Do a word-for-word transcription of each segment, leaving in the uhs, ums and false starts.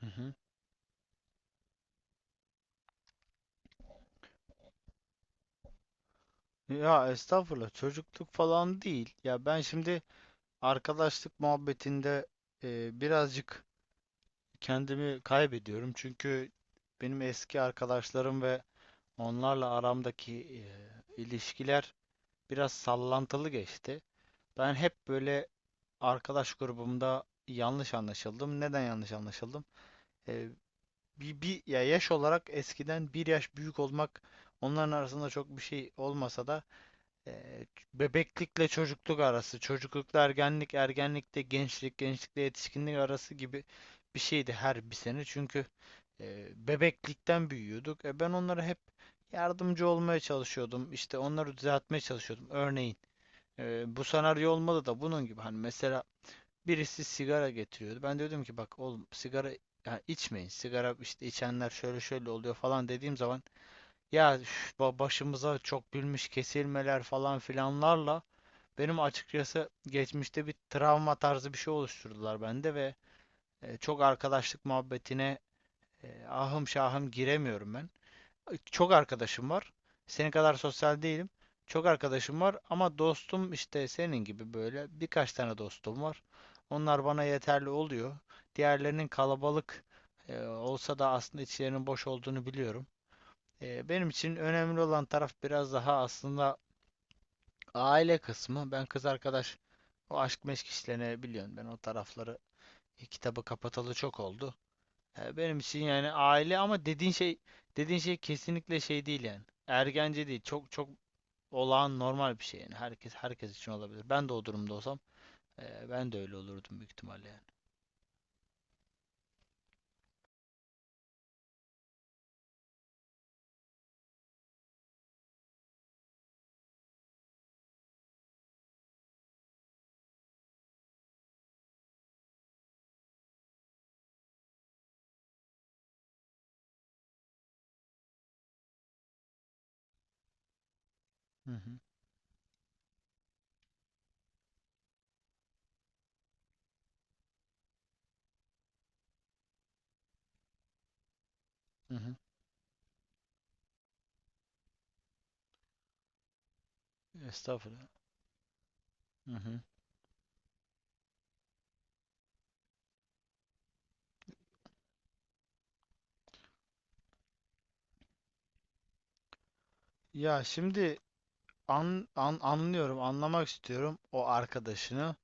Hı hı. Ya estağfurullah çocukluk falan değil. Ya ben şimdi arkadaşlık muhabbetinde e, birazcık kendimi kaybediyorum. Çünkü benim eski arkadaşlarım ve onlarla aramdaki e, ilişkiler biraz sallantılı geçti. Ben hep böyle arkadaş grubumda yanlış anlaşıldım. Neden yanlış anlaşıldım? E, bir, bir ya yaş olarak eskiden bir yaş büyük olmak onların arasında çok bir şey olmasa da E, bebeklikle çocukluk arası, çocuklukla ergenlik, ergenlikte gençlik, gençlikle yetişkinlik arası gibi bir şeydi her bir sene. Çünkü e, bebeklikten büyüyorduk. E, ben onlara hep yardımcı olmaya çalışıyordum. İşte onları düzeltmeye çalışıyordum. Örneğin e, bu senaryo olmadı da bunun gibi. Hani mesela birisi sigara getiriyordu. Ben de diyordum ki bak oğlum sigara ya içmeyin. Sigara işte içenler şöyle şöyle oluyor falan dediğim zaman ya üf, ba- başımıza çok bilmiş kesilmeler falan filanlarla benim açıkçası geçmişte bir travma tarzı bir şey oluşturdular bende ve e, çok arkadaşlık muhabbetine e, ahım şahım giremiyorum ben. Çok arkadaşım var. Senin kadar sosyal değilim. Çok arkadaşım var ama dostum işte senin gibi böyle birkaç tane dostum var. Onlar bana yeterli oluyor. Diğerlerinin kalabalık e, olsa da aslında içlerinin boş olduğunu biliyorum. E, benim için önemli olan taraf biraz daha aslında aile kısmı. Ben kız arkadaş, o aşk meşk işlerini biliyorsun. Ben o tarafları, e, kitabı kapatalı çok oldu. E, benim için yani aile. Ama dediğin şey, dediğin şey kesinlikle şey değil yani. Ergence değil. Çok çok olağan normal bir şey yani. Herkes herkes için olabilir. Ben de o durumda olsam e, ben de öyle olurdum büyük ihtimalle yani. Hı hı. Hı hı. Estağfurullah. Hı hı. Ya şimdi an, an, anlıyorum, anlamak istiyorum o arkadaşını.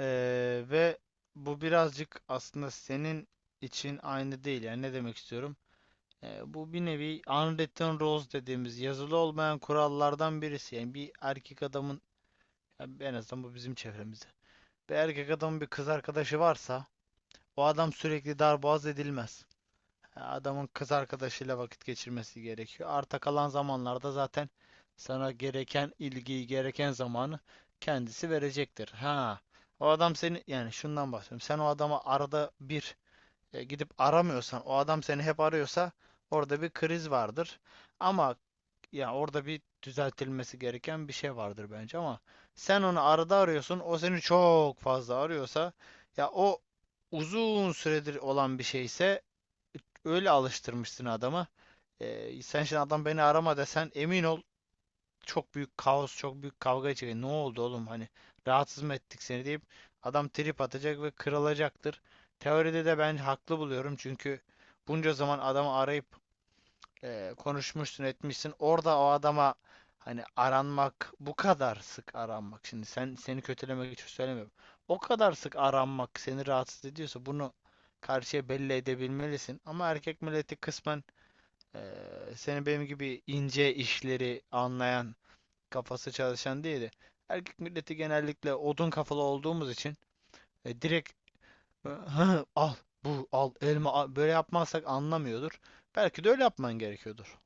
Ee, ve bu birazcık aslında senin için aynı değil. Yani ne demek istiyorum? Ee, bu bir nevi unwritten rules dediğimiz yazılı olmayan kurallardan birisi. Yani bir erkek adamın, yani en azından bu bizim çevremizde. Bir erkek adamın bir kız arkadaşı varsa o adam sürekli darboğaz edilmez. Adamın kız arkadaşıyla vakit geçirmesi gerekiyor. Arta kalan zamanlarda zaten sana gereken ilgiyi, gereken zamanı kendisi verecektir. Ha, o adam seni, yani şundan bahsediyorum. Sen o adama arada bir e, gidip aramıyorsan, o adam seni hep arıyorsa orada bir kriz vardır. Ama ya orada bir düzeltilmesi gereken bir şey vardır bence. Ama sen onu arada arıyorsun, o seni çok fazla arıyorsa, ya o uzun süredir olan bir şeyse öyle alıştırmışsın adamı. Ee, sen şimdi adam beni arama desen, emin ol çok büyük kaos, çok büyük kavga çıkacak. Ne oldu oğlum, hani rahatsız mı ettik seni deyip adam trip atacak ve kırılacaktır. Teoride de ben haklı buluyorum çünkü bunca zaman adamı arayıp e, konuşmuşsun etmişsin. Orada o adama hani aranmak, bu kadar sık aranmak. Şimdi sen, seni kötülemek için söylemiyorum. O kadar sık aranmak seni rahatsız ediyorsa bunu karşıya belli edebilmelisin. Ama erkek milleti kısmen ee, seni benim gibi ince işleri anlayan, kafası çalışan değildi. Erkek milleti genellikle odun kafalı olduğumuz için e, direkt, e, "Hı, al bu, al elma al." böyle yapmazsak anlamıyordur. Belki de öyle yapman gerekiyordur.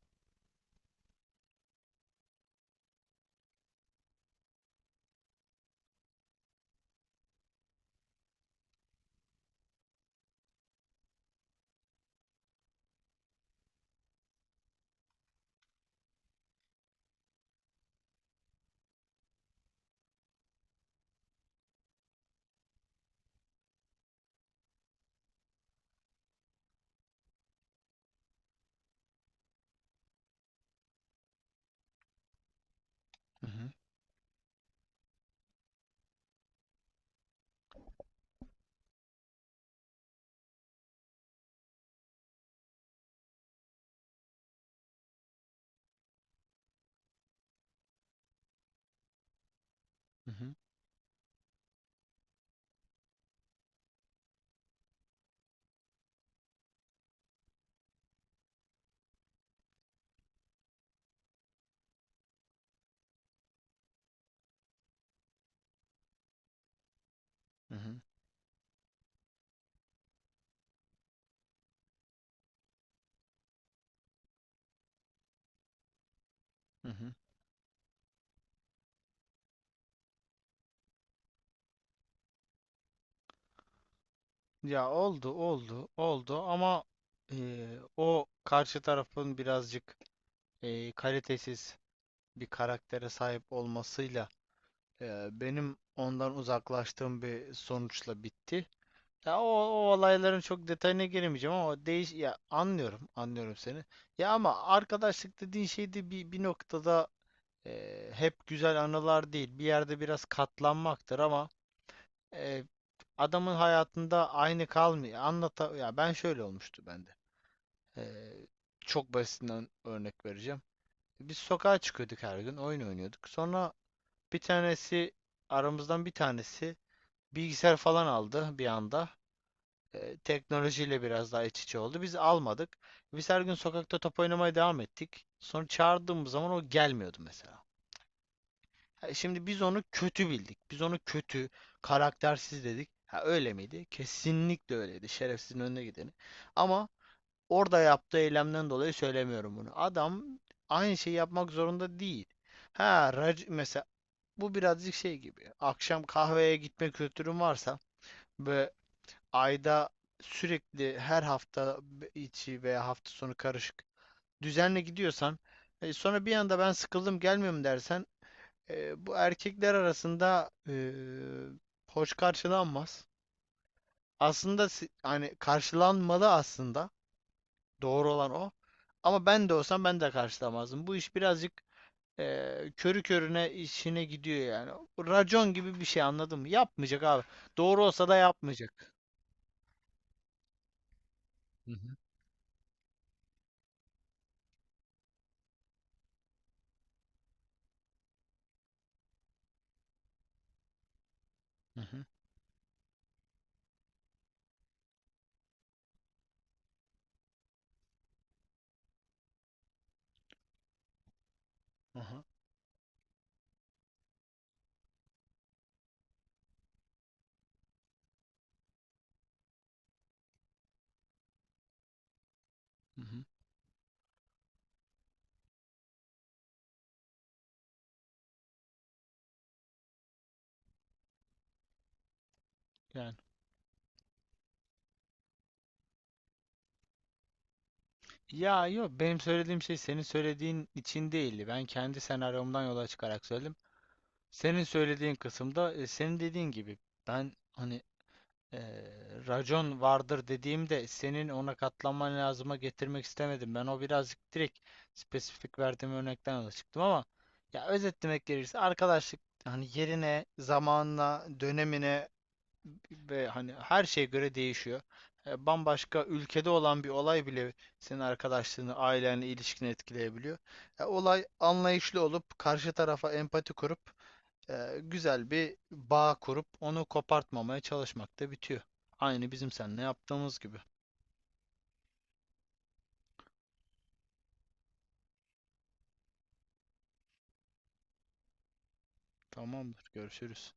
Hı hı, hı hı, hı hı, hı hı. Ya oldu oldu oldu ama, e, o karşı tarafın birazcık e, kalitesiz bir karaktere sahip olmasıyla e, benim ondan uzaklaştığım bir sonuçla bitti. Ya o, o olayların çok detayına giremeyeceğim ama o değiş, ya anlıyorum, anlıyorum seni. Ya ama arkadaşlık dediğin şey de bir bir noktada e, hep güzel anılar değil. Bir yerde biraz katlanmaktır ama e, adamın hayatında aynı kalmıyor. Anlata, ya ben, şöyle olmuştu bende. E, çok basitinden örnek vereceğim. Biz sokağa çıkıyorduk her gün, oyun oynuyorduk. Sonra bir tanesi, aramızdan bir tanesi bilgisayar falan aldı bir anda. E, teknolojiyle biraz daha iç içe oldu. Biz almadık. Biz her gün sokakta top oynamaya devam ettik. Sonra çağırdığımız zaman o gelmiyordu mesela. Ha, şimdi biz onu kötü bildik. Biz onu kötü, karaktersiz dedik. Ha, öyle miydi? Kesinlikle öyleydi. Şerefsizin önüne gideni. Ama orada yaptığı eylemden dolayı söylemiyorum bunu. Adam aynı şeyi yapmak zorunda değil. Ha, rac- mesela bu birazcık şey gibi. Akşam kahveye gitme kültürün varsa ve ayda, sürekli, her hafta içi veya hafta sonu karışık düzenle gidiyorsan, e, sonra bir anda ben sıkıldım gelmiyorum dersen, e, bu erkekler arasında e, hoş karşılanmaz. Aslında, si- hani karşılanmalı aslında, doğru olan o. Ama ben de olsam ben de karşılamazdım. Bu iş birazcık e, körü körüne işine gidiyor yani. Racon gibi bir şey anladın mı? Yapmayacak abi. Doğru olsa da yapmayacak. Hı hı. Hı hı. Aha. Hı hı. Hı. Yani, ya yok, benim söylediğim şey senin söylediğin için değildi. Ben kendi senaryomdan yola çıkarak söyledim. Senin söylediğin kısımda, e, senin dediğin gibi ben hani e, racon vardır dediğimde senin ona katlanman lazıma getirmek istemedim. Ben o birazcık direkt, spesifik verdiğim örnekten yola çıktım. Ama ya özetlemek gerekirse arkadaşlık hani yerine, zamanına, dönemine ve hani her şeye göre değişiyor. E, Bambaşka ülkede olan bir olay bile senin arkadaşlığını, ailenle ilişkini etkileyebiliyor. E, Olay, anlayışlı olup karşı tarafa empati kurup e, güzel bir bağ kurup onu kopartmamaya çalışmakta bitiyor. Aynı bizim seninle yaptığımız gibi. Tamamdır, görüşürüz.